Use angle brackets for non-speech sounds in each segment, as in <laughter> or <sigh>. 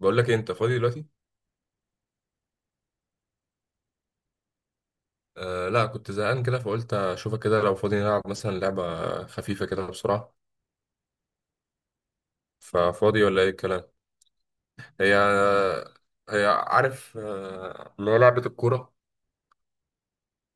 بقول لك إيه، انت فاضي دلوقتي؟ آه لا، كنت زهقان كده فقلت اشوفك كده لو فاضي نلعب مثلا لعبة خفيفة كده بسرعة. ففاضي ولا ايه الكلام؟ هي هي عارف، اللي هي لعبة الكورة،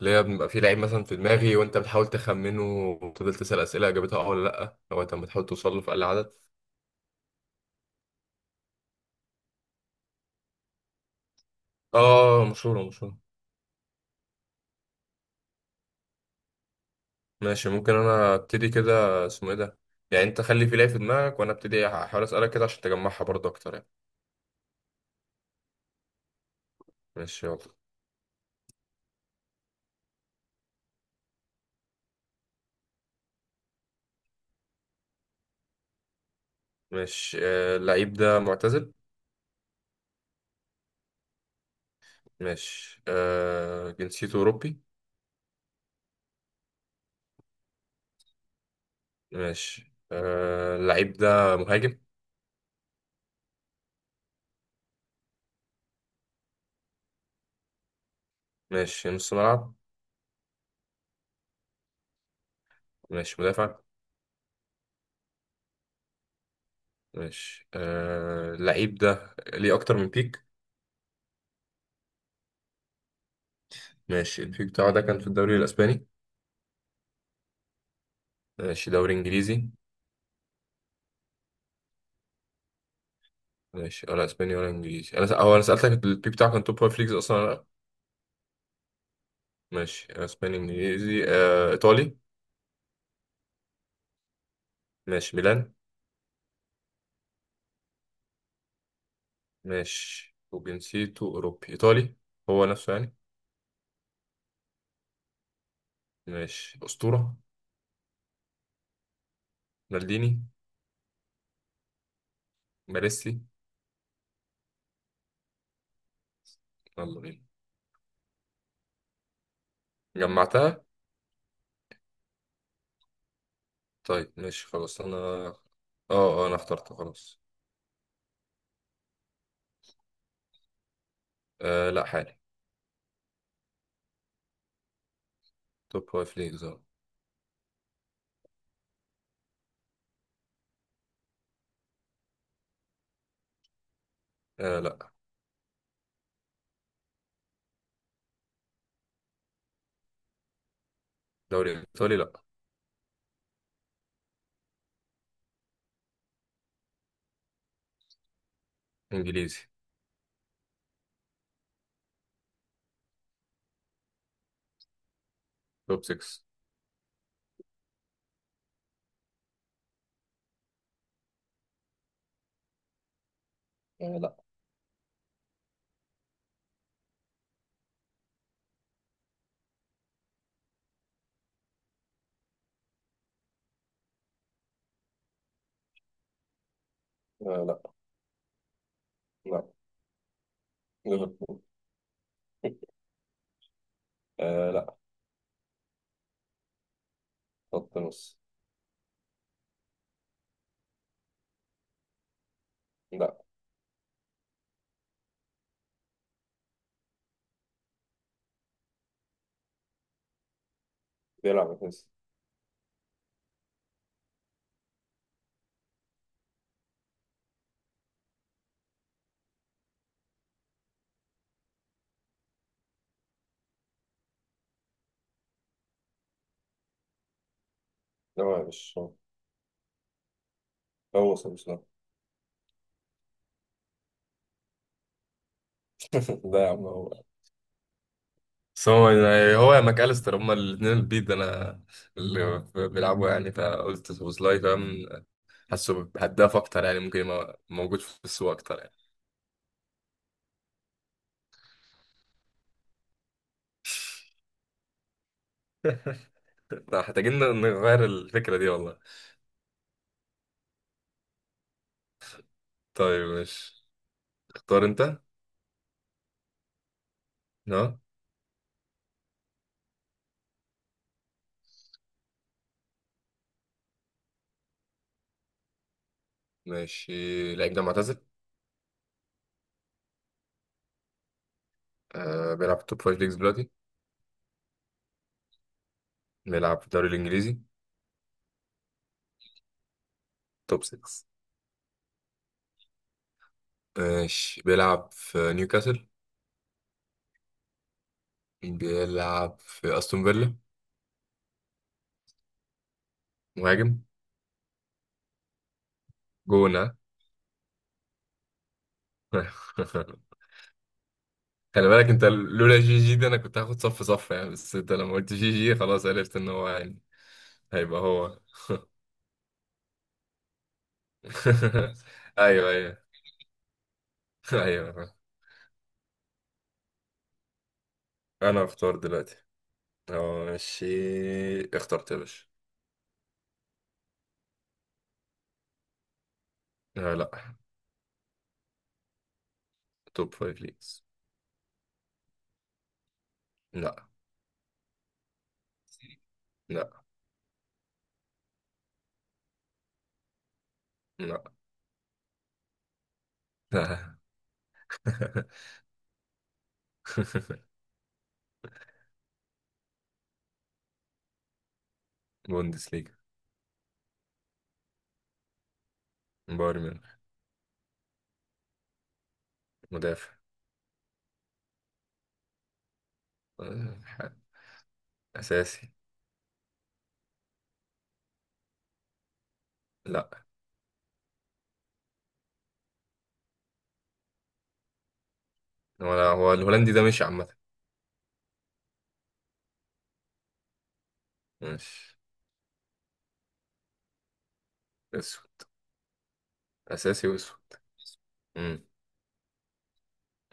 اللي هي بيبقى فيه لعيب مثلا في دماغي وانت بتحاول تخمنه، وتفضل تسأل أسئلة اجابتها اه ولا لا لغاية اما تحاول توصل له في اقل عدد. اه، مشهورة مشهورة. ماشي، ممكن انا ابتدي، كده اسمه ايه ده، يعني انت خلي في لعيب في دماغك وانا ابتدي احاول اسألك كده عشان تجمعها برضه اكتر يعني. ماشي، يلا. ماشي، آه، اللعيب ده معتزل. ماشي، آه، جنسيته أوروبي. ماشي، آه، اللعيب ده مهاجم. ماشي، نص ملعب. ماشي، مدافع. ماشي، آه، اللعيب ده ليه أكتر من بيك. ماشي، البيك بتاعه ده كان في الدوري الأسباني. ماشي، دوري إنجليزي. ماشي، ولا أسباني ولا إنجليزي. هو أنا سألتك البيك بتاعه كان توب فايف ليجز أصلا ولا لأ. ماشي، أسباني إنجليزي آه إيطالي. ماشي، ميلان. ماشي، وجنسيته أوروبي إيطالي، هو نفسه يعني. ماشي، أسطورة. مالديني. باريسي. يلا بينا. جمعتها. طيب ماشي خلاص، انا اه. اه، انا اخترت خلاص. آه لا، حالي. توب فايف ليجز، اه. آه، لا. دوري ايطالي، لا. انجليزي، توب 6. آه، لا. آه لا، لا، ليفربول. آه، لا. خط نص. لا. بيلعب اساسي. لا، هو مش هو. هو مش، لا. <laughs> ده يا عم <laughs> هو. بس هو. هو يا ماكاليستر، هما الاثنين البيض انا اللي بيلعبوا يعني، فقلت سوبوسلاي، فاهم، حاسه هداف اكتر يعني، ممكن يبقى موجود في السوق اكتر يعني. <laughs> محتاجين نغير الفكرة دي والله. طيب ماشي، اختار انت. اه. ماشي، لعيب ده معتزل. آه، بيلعب في توب فايف ليجز دلوقتي. بيلعب في الدوري الإنجليزي. توب 6. ماشي، بيلعب في نيوكاسل. بيلعب في أستون فيلا. مهاجم. جونة. <laughs> خلي بالك، انت لولا جي جي دي انا كنت هاخد صف صف يعني، بس انت لما قلت جي جي خلاص عرفت ان هو يعني هيبقى هو. <laughs> ايوه، ايوه. <laughs> ايوه. انا اختار دلوقتي. ماشي، اخترت يا باشا. آه، لا. توب فايف ليجز. لا. لا. لا. لا. <laughs> بوندس ليجا. بايرن ميونخ. مدافع. آه، اساسي. لا لا هو الهولندي ده مش عامة. مش. اسود. اساسي واسود. امم.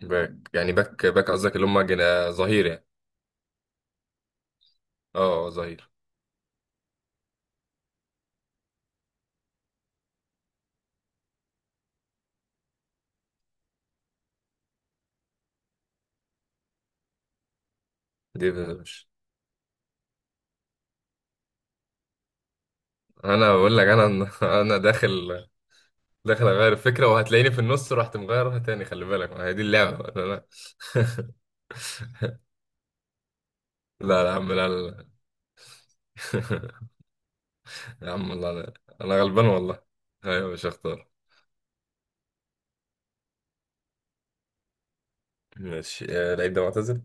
باك يعني، باك باك قصدك اللي هم ظهير يعني. اه، آه، ظهير. دي مش. انا بقول لك انا <laughs> انا داخل. داخل اغير الفكره وهتلاقيني في النص رحت مغيرها تاني، خلي بالك ما هي دي اللعبه بقى. لا. <laughs> لا، لا، لا. يا عم لا، لا، لا. <laughs> يا عم الله، لا. انا غلبان والله. ايوه، مش هختار. ماشي، آه، اللعيب ده معتزل.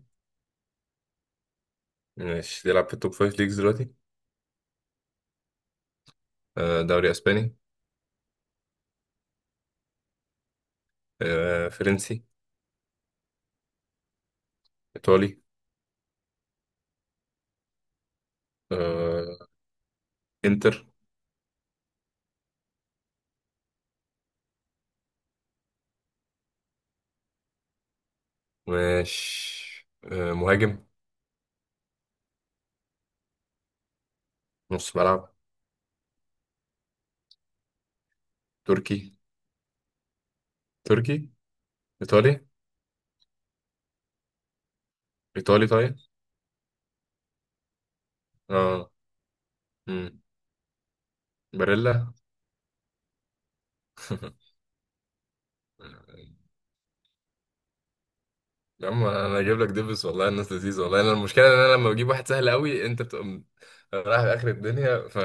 ماشي، بيلعب في التوب فايف ليجز دلوقتي. آه، دوري اسباني. آه، فرنسي. ايطالي. آه، انتر. ماشي، آه، مهاجم. نص ملعب. تركي. تركي. ايطالي. ايطالي طيب. اه. مم. باريلا. <laughs> يا عم انا اجيب لك ديفيس والله، الناس لذيذه والله، انا المشكله ان انا لما بجيب واحد سهل قوي انت بتبقى رايح لاخر الدنيا ف.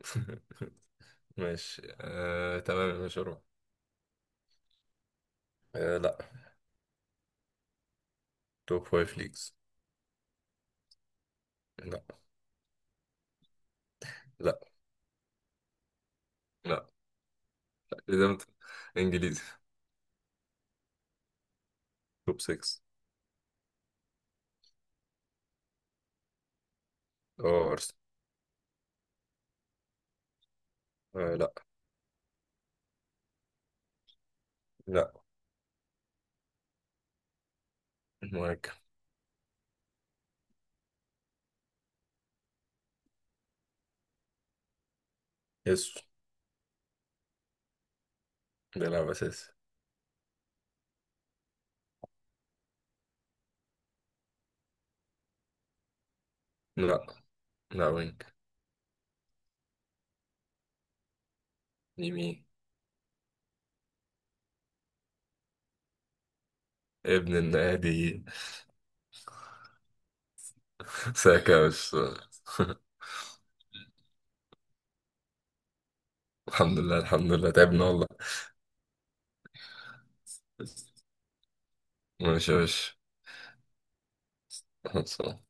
<laughs> ماشي، تمام يا باشا، روح. آه... لا. توب فايف ليجز. لا. لا. لا. اذا انت انجليزي، توب 6. اه، ارسنال. آه... لا. لا. مهاجم. يسو. بيلعب اساسي. لا. لا، وينج. يمين. ابن النادي. <laughs> ساكا يا باشا. <laughs> الحمد لله، الحمد لله، تعبنا والله. ماشي يا باشا. خلصان.